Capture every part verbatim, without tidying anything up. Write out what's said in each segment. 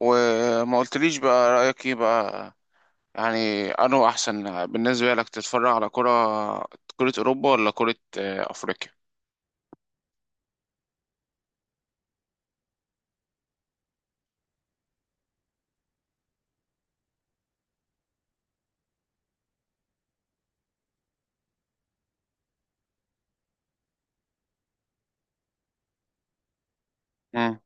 وما قلتليش بقى، رأيك ايه بقى؟ يعني انه احسن بالنسبة لك تتفرج على كرة كرة اوروبا ولا كرة آه، افريقيا؟ مم.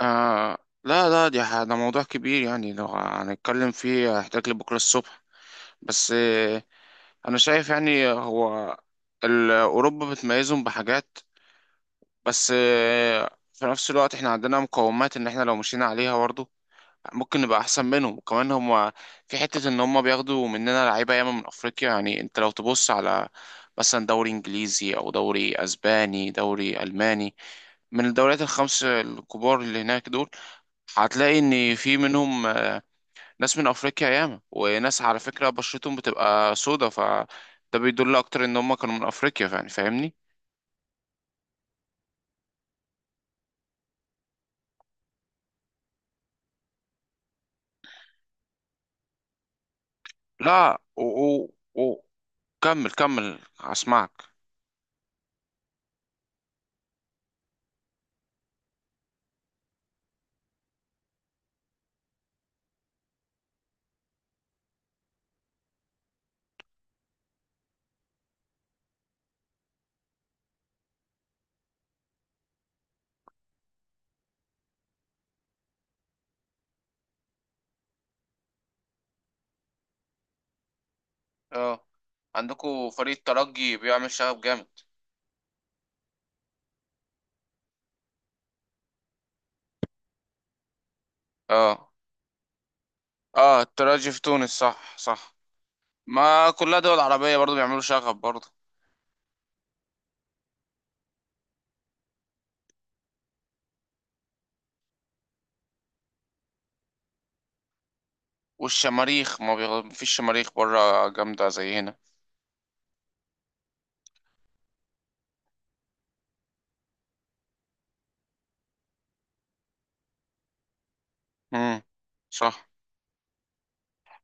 آه، لا لا، دي ح- ده موضوع كبير، يعني لو هنتكلم فيه هيحتاج لبكرة الصبح. بس آه انا شايف يعني هو ال- اوروبا بتميزهم بحاجات، بس آه في نفس الوقت احنا عندنا مقومات ان احنا لو مشينا عليها برضه ممكن نبقى احسن منهم. وكمان هم في حتة ان هم بياخدوا مننا لعيبة ياما من افريقيا، يعني انت لو تبص على مثلا دوري انجليزي او دوري اسباني دوري الماني، من الدوريات الخمس الكبار اللي هناك دول، هتلاقي ان في منهم آه، ناس من افريقيا ياما، وناس على فكرة بشرتهم بتبقى سودا، فده بيدل اكتر ان هم كانوا من افريقيا، يعني فاهمني. لا، و... و... و... كمل كمل هسمعك. اه، عندكوا فريق ترجي بيعمل شغب جامد. اه. اه، التراجي في تونس، صح صح. ما كلها دول عربية برضو بيعملوا شغب برضو. والشماريخ ما بيغ... مفيش شماريخ بره جامدة زي هنا. امم، صح.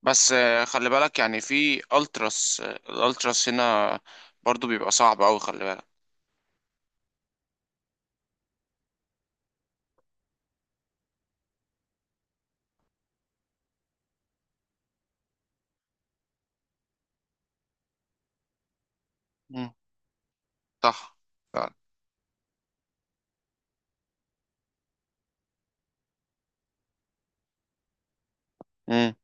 بس آه، خلي بالك، يعني في التراس، آه، الالتراس هنا برضو بيبقى صعب أوي، خلي بالك. امم، صح، فعلا. امم.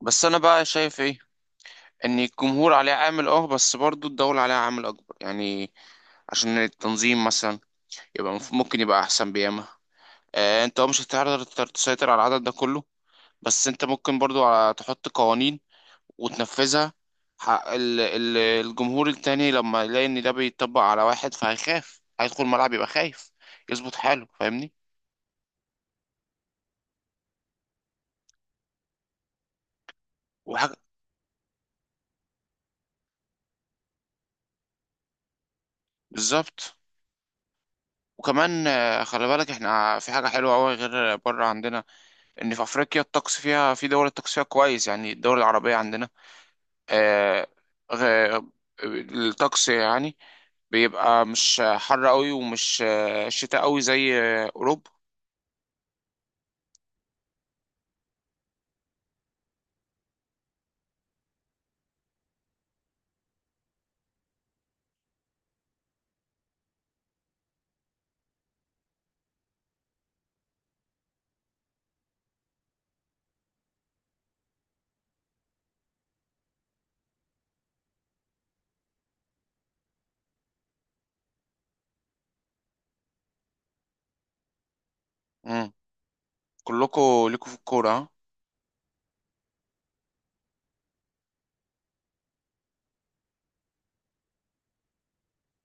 بس انا بقى شايف ايه، ان الجمهور عليه عامل اه بس برضو الدولة عليها عامل اكبر، يعني عشان التنظيم مثلا يبقى مف- ممكن يبقى احسن بياما. آه انت مش هتقدر تسيطر على العدد ده كله، بس انت ممكن برضو ع- تحط قوانين وتنفذها. حق ال- ال- الجمهور التاني لما يلاقي ان ده بيطبق على واحد فهيخاف، هيدخل الملعب يبقى خايف، يظبط حاله، فاهمني. وحاجة بالظبط. وكمان آه، خلي بالك احنا في حاجة حلوة أوي غير بره عندنا، ان في افريقيا الطقس فيها، في دول الطقس فيها كويس، يعني الدول العربية عندنا، آه، غ- الطقس يعني بيبقى مش حر قوي ومش آه، شتاء قوي زي آه، اوروبا. كلكم ليكوا في الكورة، ها؟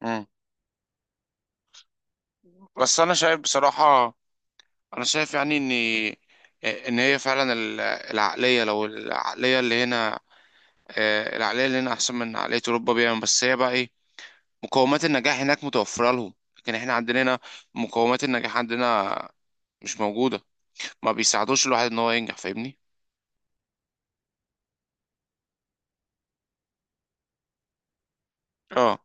مم. بس أنا شايف بصراحة، أنا شايف يعني إن إن هي فعلا ال- العقلية، لو العقلية اللي هنا، آه، العقلية اللي هنا أحسن من عقلية أوروبا بيها، بس هي بقى إيه، مقومات النجاح هناك متوفرة لهم، لكن إحنا عندنا هنا مقومات النجاح عندنا مش موجودة، ما بيساعدوش الواحد إن هو ينجح، فاهمني؟ اه،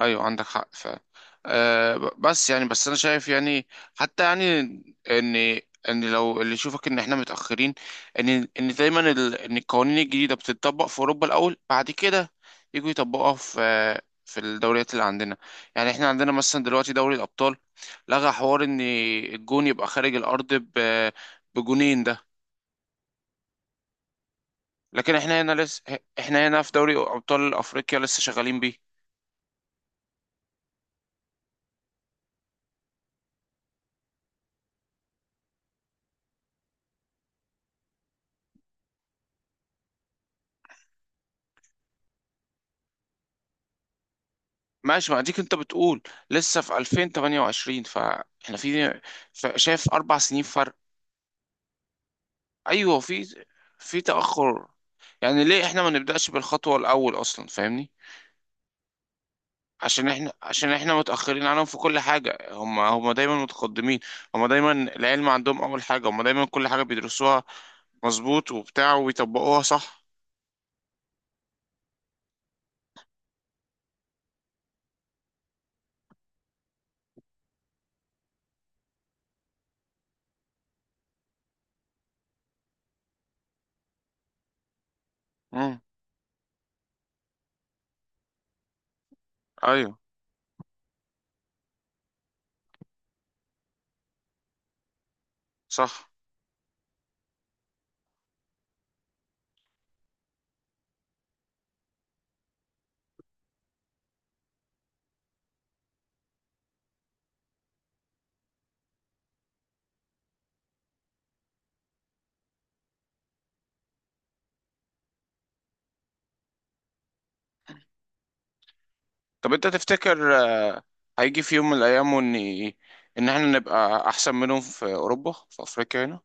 ايوه عندك حق فعلا. أه ب- بس يعني، بس انا شايف يعني، حتى يعني ان، ان لو اللي يشوفك ان احنا متاخرين، ان ان دايما ال... ان القوانين الجديده بتطبق في اوروبا الاول، بعد كده يجوا يطبقوها في في الدوريات اللي عندنا. يعني احنا عندنا مثلا دلوقتي دوري الابطال لغى حوار ان الجون يبقى خارج الارض ب... بجونين ده، لكن احنا هنا لسه، احنا هنا في دوري ابطال افريقيا لسه شغالين بيه. ماشي، ما اديك انت بتقول لسه في ألفين وثمانية وعشرين، فاحنا في ف- شايف اربع سنين فرق. ايوه، في في تاخر. يعني ليه احنا ما نبداش بالخطوه الاول اصلا، فاهمني؟ عشان احنا، عشان احنا متاخرين عنهم في كل حاجه، هم هم دايما متقدمين. هم دايما العلم عندهم اول حاجه، هم دايما كل حاجه بيدرسوها مظبوط وبتاع وبيطبقوها، صح. امم، ايوه صح. طب انت تفتكر آه، هيجي في يوم من الايام ان، ان احنا نبقى احسن منهم في اوروبا، في افريقيا هنا؟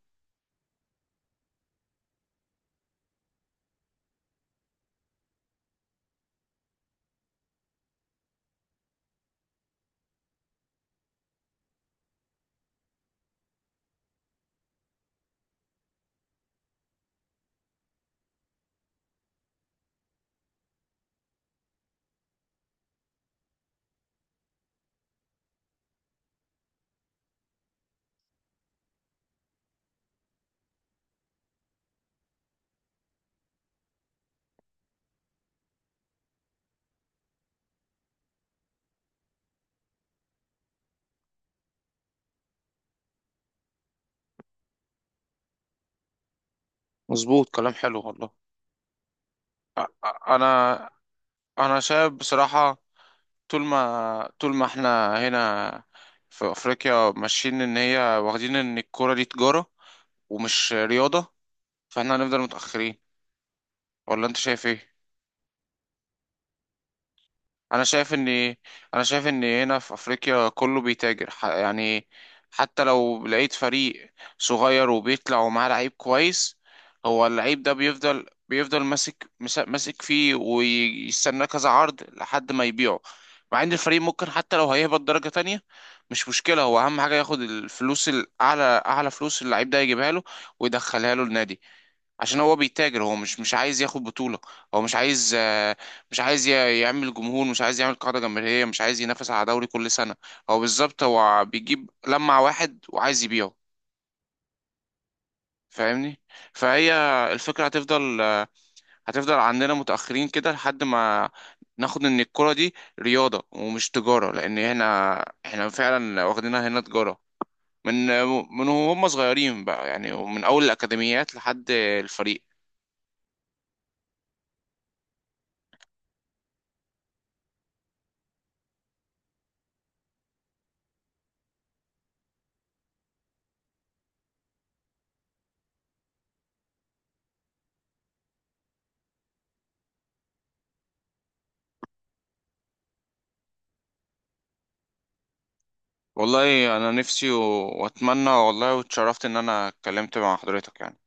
مظبوط، كلام حلو والله. أ- أ- انا انا شايف بصراحة، طول ما طول ما احنا هنا في افريقيا ماشيين ان هي، واخدين ان الكرة دي تجارة ومش رياضة، فاحنا هنفضل متأخرين. ولا انت شايف ايه؟ انا شايف ان انا شايف ان هنا في افريقيا كله بيتاجر، ح- يعني حتى لو لقيت فريق صغير وبيطلع ومعاه لعيب كويس، هو اللعيب ده بيفضل بيفضل ماسك، مس- ماسك فيه ويستناه كذا عرض لحد ما يبيعه. مع ان الفريق ممكن حتى لو هيهبط درجة تانية مش مشكلة، هو اهم حاجة ياخد الفلوس الاعلى، اعلى فلوس اللعيب ده يجيبها له ويدخلها له النادي. عشان هو بيتاجر، هو مش مش عايز ياخد بطولة، هو مش عايز، آه، مش عايز ي- يعمل جمهور، مش عايز يعمل قاعدة جماهيرية، مش عايز ينافس على دوري كل سنة. هو بالظبط هو بيجيب لمع واحد وعايز يبيعه، فاهمني. فهي الفكرة هتفضل، آه، هتفضل عندنا متأخرين كده لحد ما ناخد ان الكرة دي رياضة ومش تجارة، لان هنا احنا فعلا واخدينها هنا تجارة، من، من هم صغيرين بقى يعني، ومن اول الاكاديميات لحد الفريق. والله انا نفسي و- واتمنى والله، واتشرفت ان انا اتكلمت مع حضرتك يعني.